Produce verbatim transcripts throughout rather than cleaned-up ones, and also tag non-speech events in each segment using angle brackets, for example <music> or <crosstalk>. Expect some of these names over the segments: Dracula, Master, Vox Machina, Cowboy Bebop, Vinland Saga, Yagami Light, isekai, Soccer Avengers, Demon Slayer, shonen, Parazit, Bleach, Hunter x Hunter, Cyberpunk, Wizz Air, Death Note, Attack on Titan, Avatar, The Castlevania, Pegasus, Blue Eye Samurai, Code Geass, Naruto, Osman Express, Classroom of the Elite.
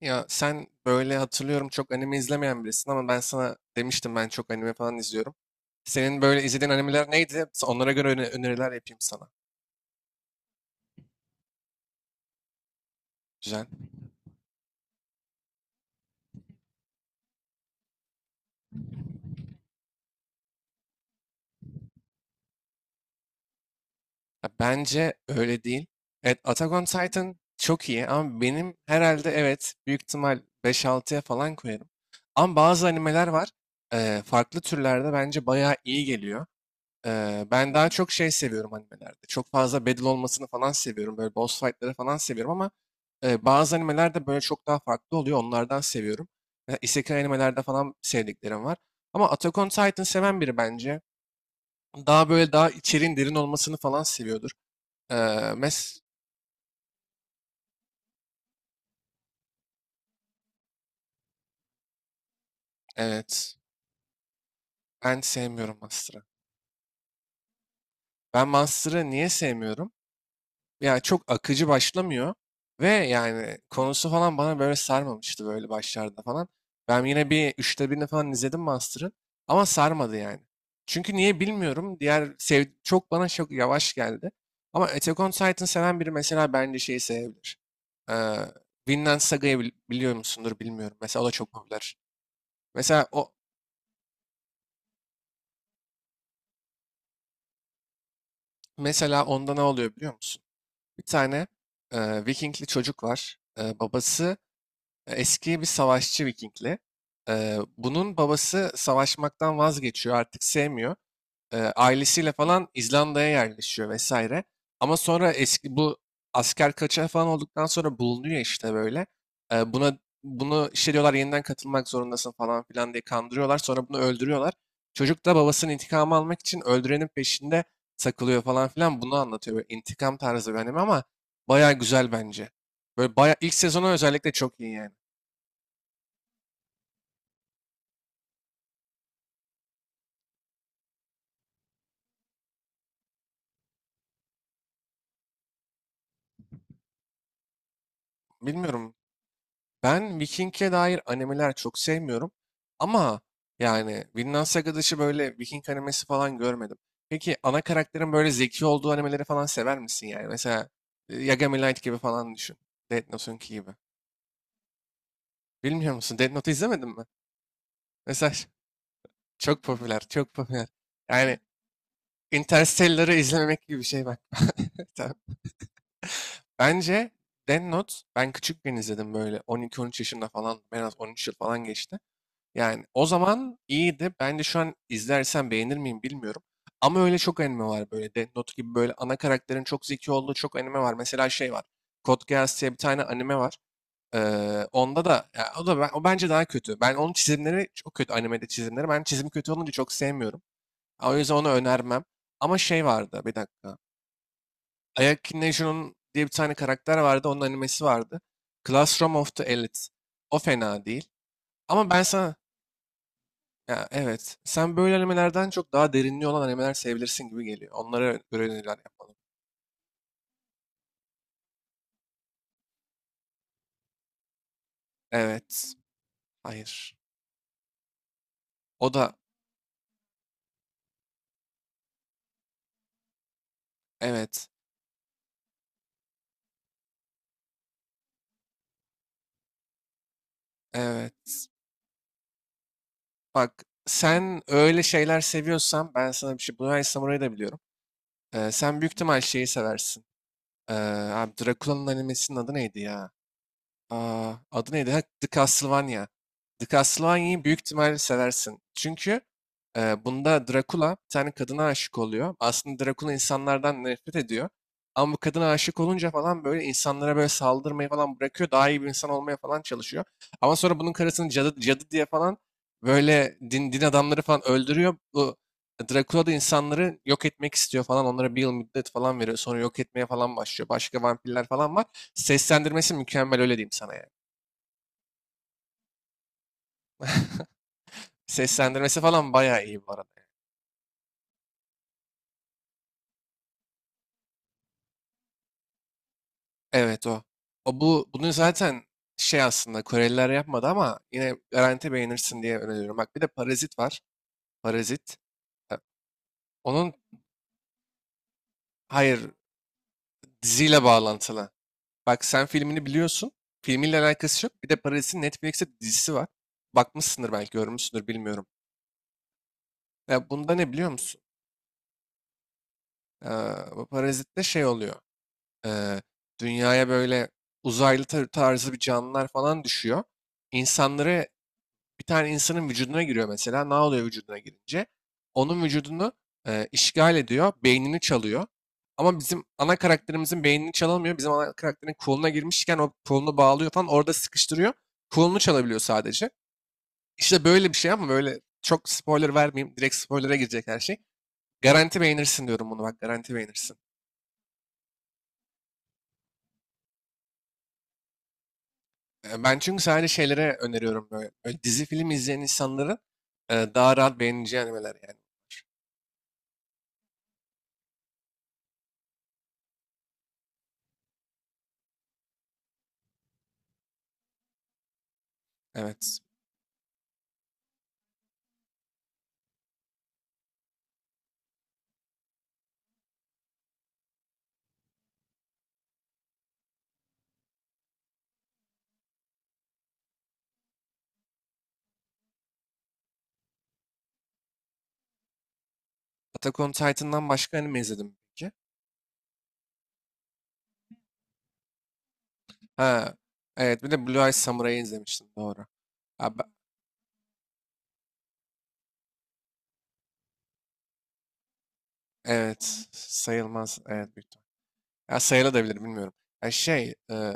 Ya sen böyle hatırlıyorum çok anime izlemeyen birisin ama ben sana demiştim ben çok anime falan izliyorum. Senin böyle izlediğin animeler neydi? Onlara göre öne- öneriler yapayım sana. Güzel. Ya bence öyle değil. Evet, Attack on Titan çok iyi ama benim herhalde evet büyük ihtimal beş altıya falan koyarım. Ama bazı animeler var. Eee, farklı türlerde bence bayağı iyi geliyor. Ee, ben daha çok şey seviyorum animelerde. Çok fazla battle olmasını falan seviyorum. Böyle boss fight'ları falan seviyorum ama e, bazı animelerde böyle çok daha farklı oluyor. Onlardan seviyorum. Mesela isekai animelerde falan sevdiklerim var. Ama Attack on Titan seven biri bence. Daha böyle daha içeriğin derin olmasını falan seviyordur. Ee, mes Evet. Ben sevmiyorum Master'ı. Ben Master'ı niye sevmiyorum? Yani çok akıcı başlamıyor. Ve yani konusu falan bana böyle sarmamıştı böyle başlarda falan. Ben yine bir üçte birini falan izledim Master'ın. Ama sarmadı yani. Çünkü niye bilmiyorum. Diğer sev çok bana çok yavaş geldi. Ama Attack on Titan seven biri mesela bence şeyi sevebilir. Ee, Vinland Saga'yı bil- biliyor musundur bilmiyorum. Mesela o da çok popüler. Mesela o Mesela onda ne oluyor biliyor musun? Bir tane e, Vikingli çocuk var. E, babası eski bir savaşçı Vikingli. Ee, bunun babası savaşmaktan vazgeçiyor, artık sevmiyor. Ee, ailesiyle falan İzlanda'ya yerleşiyor vesaire. Ama sonra eski bu asker kaçağı falan olduktan sonra bulunuyor işte böyle. Ee, buna Bunu işte diyorlar yeniden katılmak zorundasın falan filan diye kandırıyorlar. Sonra bunu öldürüyorlar. Çocuk da babasının intikamı almak için öldürenin peşinde takılıyor falan filan. Bunu anlatıyor böyle intikam tarzı bir anime ama baya güzel bence. Böyle baya ilk sezonu özellikle çok iyi yani. Bilmiyorum. Ben Viking'e dair animeler çok sevmiyorum. Ama yani Vinland Saga dışı böyle Viking animesi falan görmedim. Peki ana karakterin böyle zeki olduğu animeleri falan sever misin yani? Mesela e, Yagami Light gibi falan düşün. Death Note'unki gibi. Bilmiyor musun? Death Note izlemedin mi? Mesela ş- çok popüler, çok popüler. Yani Interstellar'ı izlememek gibi bir şey bak. <laughs> Tamam. Bence Death Note ben küçükken izledim böyle on iki on üç yaşında falan. En az on üç yıl falan geçti. Yani o zaman iyiydi. Ben de şu an izlersen beğenir miyim bilmiyorum. Ama öyle çok anime var böyle. Death Note gibi böyle ana karakterin çok zeki olduğu çok anime var. Mesela şey var. Code Geass diye bir tane anime var. Ee, onda da ya o da ben- o bence daha kötü. Ben onun çizimleri çok kötü animede çizimleri. Ben çizim kötü olunca çok sevmiyorum. O yüzden onu önermem. Ama şey vardı bir dakika. Ayaki Neju'nun diye bir tane karakter vardı. Onun animesi vardı. Classroom of the Elite. O fena değil. Ama ben sana Ya, evet. Sen böyle animelerden çok daha derinliği olan animeler sevebilirsin gibi geliyor. Onlara göre öneriler yapalım. Evet. Hayır. O da evet. Evet. Bak sen öyle şeyler seviyorsan ben sana bir şey. Bunai Samurai'ı da biliyorum. Ee, sen büyük ihtimal şeyi seversin. Ee, Abi Dracula'nın animesinin adı neydi ya? Aa, adı neydi? Ha, The Castlevania. The Castlevania'yı büyük ihtimalle seversin. Çünkü e, bunda Dracula bir tane kadına aşık oluyor. Aslında Dracula insanlardan nefret ediyor. Ama bu kadına aşık olunca falan böyle insanlara böyle saldırmayı falan bırakıyor. Daha iyi bir insan olmaya falan çalışıyor. Ama sonra bunun karısını cadı, cadı diye falan böyle din, din adamları falan öldürüyor. Bu Dracula da insanları yok etmek istiyor falan. Onlara bir yıl müddet falan veriyor. Sonra yok etmeye falan başlıyor. Başka vampirler falan var. Seslendirmesi mükemmel öyle diyeyim sana yani. Seslendirmesi falan bayağı iyi bu arada. Evet o. O bu Bunu zaten şey aslında Koreliler yapmadı ama yine garanti beğenirsin diye öneriyorum. Bak bir de Parazit var. Parazit. E, Onun Hayır, diziyle bağlantılı. Bak sen filmini biliyorsun. Filmiyle alakası yok. Bir de Parazit'in Netflix'te dizisi var. Bakmışsındır belki görmüşsündür bilmiyorum. Ya bunda ne biliyor musun? Ee, Bu Parazit'te şey oluyor. eee, Dünyaya böyle uzaylı tar- tarzı bir canlılar falan düşüyor. İnsanları Bir tane insanın vücuduna giriyor mesela. Ne oluyor vücuduna girince? Onun vücudunu eee, işgal ediyor, beynini çalıyor. Ama bizim ana karakterimizin beynini çalamıyor. Bizim ana karakterin koluna girmişken o kolunu bağlıyor falan orada sıkıştırıyor. Kolunu çalabiliyor sadece. İşte böyle bir şey ama böyle çok spoiler vermeyeyim. Direkt spoilere girecek her şey. Garanti beğenirsin diyorum bunu bak garanti beğenirsin. E, Ben çünkü sadece şeylere öneriyorum böyle. Böyle dizi film izleyen insanların e, daha rahat beğeneceği animeler yani. Evet. Attack on Titan'dan başka anime izledim peki. Ha, evet bir de Blue Eye Samurai'yi izlemiştim doğru. Ya ben- evet, sayılmaz. Evet büyük ihtimal. Ya sayılabilir bilmiyorum. Ya şey e,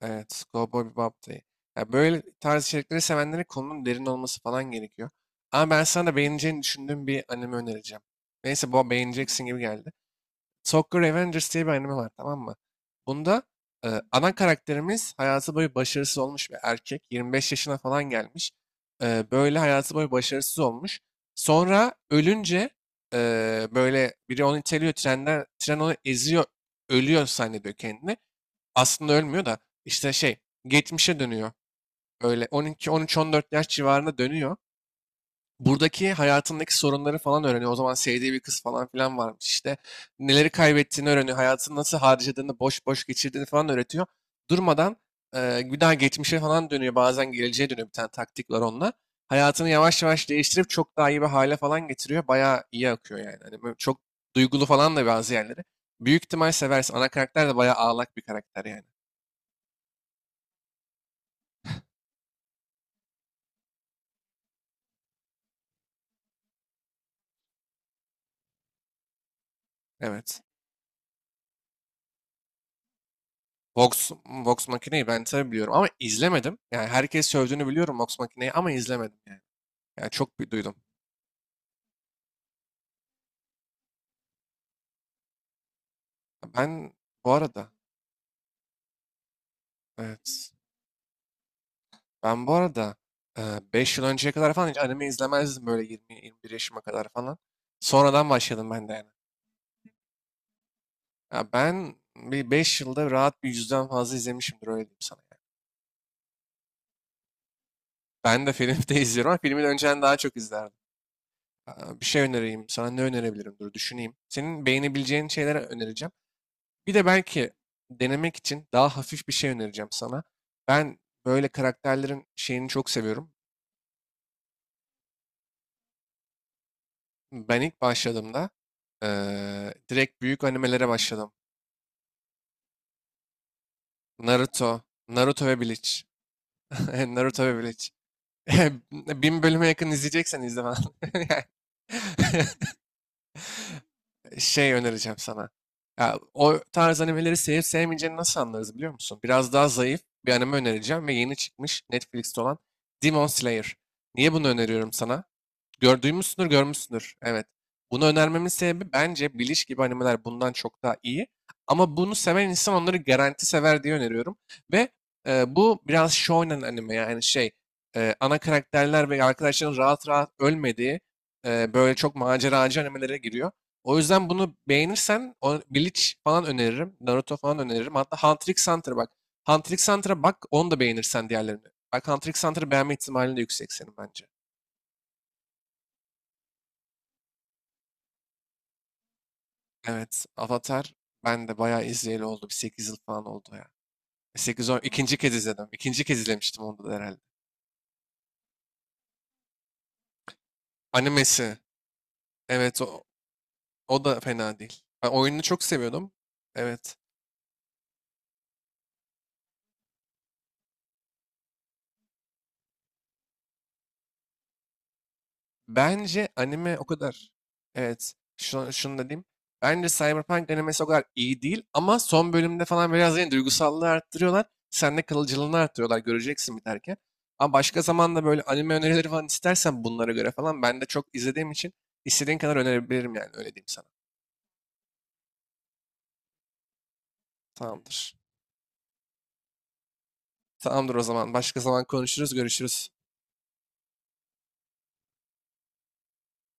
evet, Cowboy Bebop da iyi. Ya böyle tarz içerikleri sevenlere konunun derin olması falan gerekiyor. Ama ben sana da beğeneceğini düşündüğüm bir anime önereceğim. Neyse bu beğeneceksin gibi geldi. Soccer Avengers diye bir anime var tamam mı? Bunda e, ana karakterimiz hayatı boyu başarısız olmuş bir erkek. yirmi beş yaşına falan gelmiş. E, böyle hayatı boyu başarısız olmuş. Sonra ölünce e, böyle biri onu iteliyor trenden, tren onu eziyor, ölüyor zannediyor kendini. Aslında ölmüyor da işte şey geçmişe dönüyor. Öyle on iki, on üç, on dört yaş civarında dönüyor buradaki hayatındaki sorunları falan öğreniyor. O zaman sevdiği bir kız falan filan varmış işte. Neleri kaybettiğini öğreniyor. Hayatını nasıl harcadığını, boş boş geçirdiğini falan öğretiyor. Durmadan e, bir daha geçmişe falan dönüyor. Bazen geleceğe dönüyor bir tane taktik var onunla. Hayatını yavaş yavaş değiştirip çok daha iyi bir hale falan getiriyor. Bayağı iyi akıyor yani. Hani böyle çok duygulu falan da bazı yerleri. Büyük ihtimal seversin. Ana karakter de bayağı ağlak bir karakter yani. Evet. Vox, Vox Machina'yı ben tabii biliyorum ama izlemedim. Yani herkes sövdüğünü biliyorum Vox Machina'yı ama izlemedim yani. Ya çok bir duydum. Ben bu arada evet. Ben bu arada beş yıl önceye kadar falan hiç anime izlemezdim böyle yirmi yirmi bir yaşıma kadar falan. Sonradan başladım ben de yani. Ya ben bir beş yılda rahat bir yüzden fazla izlemişimdir öyle diyeyim sana, yani. Ben de film <laughs> de izliyorum ama filmi de önceden daha çok izlerdim. Aa, Bir şey önereyim sana ne önerebilirim dur düşüneyim. Senin beğenebileceğin şeyler önereceğim. Bir de belki denemek için daha hafif bir şey önereceğim sana. Ben böyle karakterlerin şeyini çok seviyorum. Ben ilk başladığımda eee, direkt büyük animelere başladım. Naruto, Naruto ve Bleach. <laughs> Naruto ve Bleach. <laughs> Bin bölüme yakın izleyeceksen izle falan. <laughs> Yani <laughs> şey önereceğim sana. Ya, o tarz animeleri sevip sevmeyeceğini nasıl anlarız biliyor musun? Biraz daha zayıf bir anime önereceğim ve yeni çıkmış Netflix'te olan Demon Slayer. Niye bunu öneriyorum sana? Gör, duymuşsundur, görmüşsündür. Evet. Bunu önermemin sebebi bence Bleach gibi animeler bundan çok daha iyi. Ama bunu seven insan onları garanti sever diye öneriyorum. Ve e, bu biraz shonen anime yani şey e, ana karakterler ve arkadaşların rahat rahat ölmediği e, böyle çok maceracı animelere giriyor. O yüzden bunu beğenirsen o, Bleach falan öneririm. Naruto falan öneririm. Hatta Hunter x Hunter bak. Hunter x Hunter'a bak onu da beğenirsen diğerlerini. Bak Hunter x Hunter'ı beğenme ihtimalin de yüksek senin bence. Evet, Avatar ben de bayağı izleyeli oldu. Bir sekiz yıl falan oldu ya. E, sekiz on ikinci kez izledim. İkinci kez izlemiştim onu da herhalde. Animesi. Evet o, o da fena değil. Ben oyununu çok seviyordum. Evet. Bence anime o kadar. Evet. Şunu, şunu da diyeyim. Bence Cyberpunk animesi o kadar iyi değil ama son bölümde falan biraz yine duygusallığı arttırıyorlar. Sende kalıcılığını arttırıyorlar göreceksin biterken. Ama başka zaman da böyle anime önerileri falan istersen bunlara göre falan ben de çok izlediğim için istediğin kadar önerebilirim yani öyle diyeyim sana. Tamamdır. Tamamdır o zaman. Başka zaman konuşuruz, görüşürüz.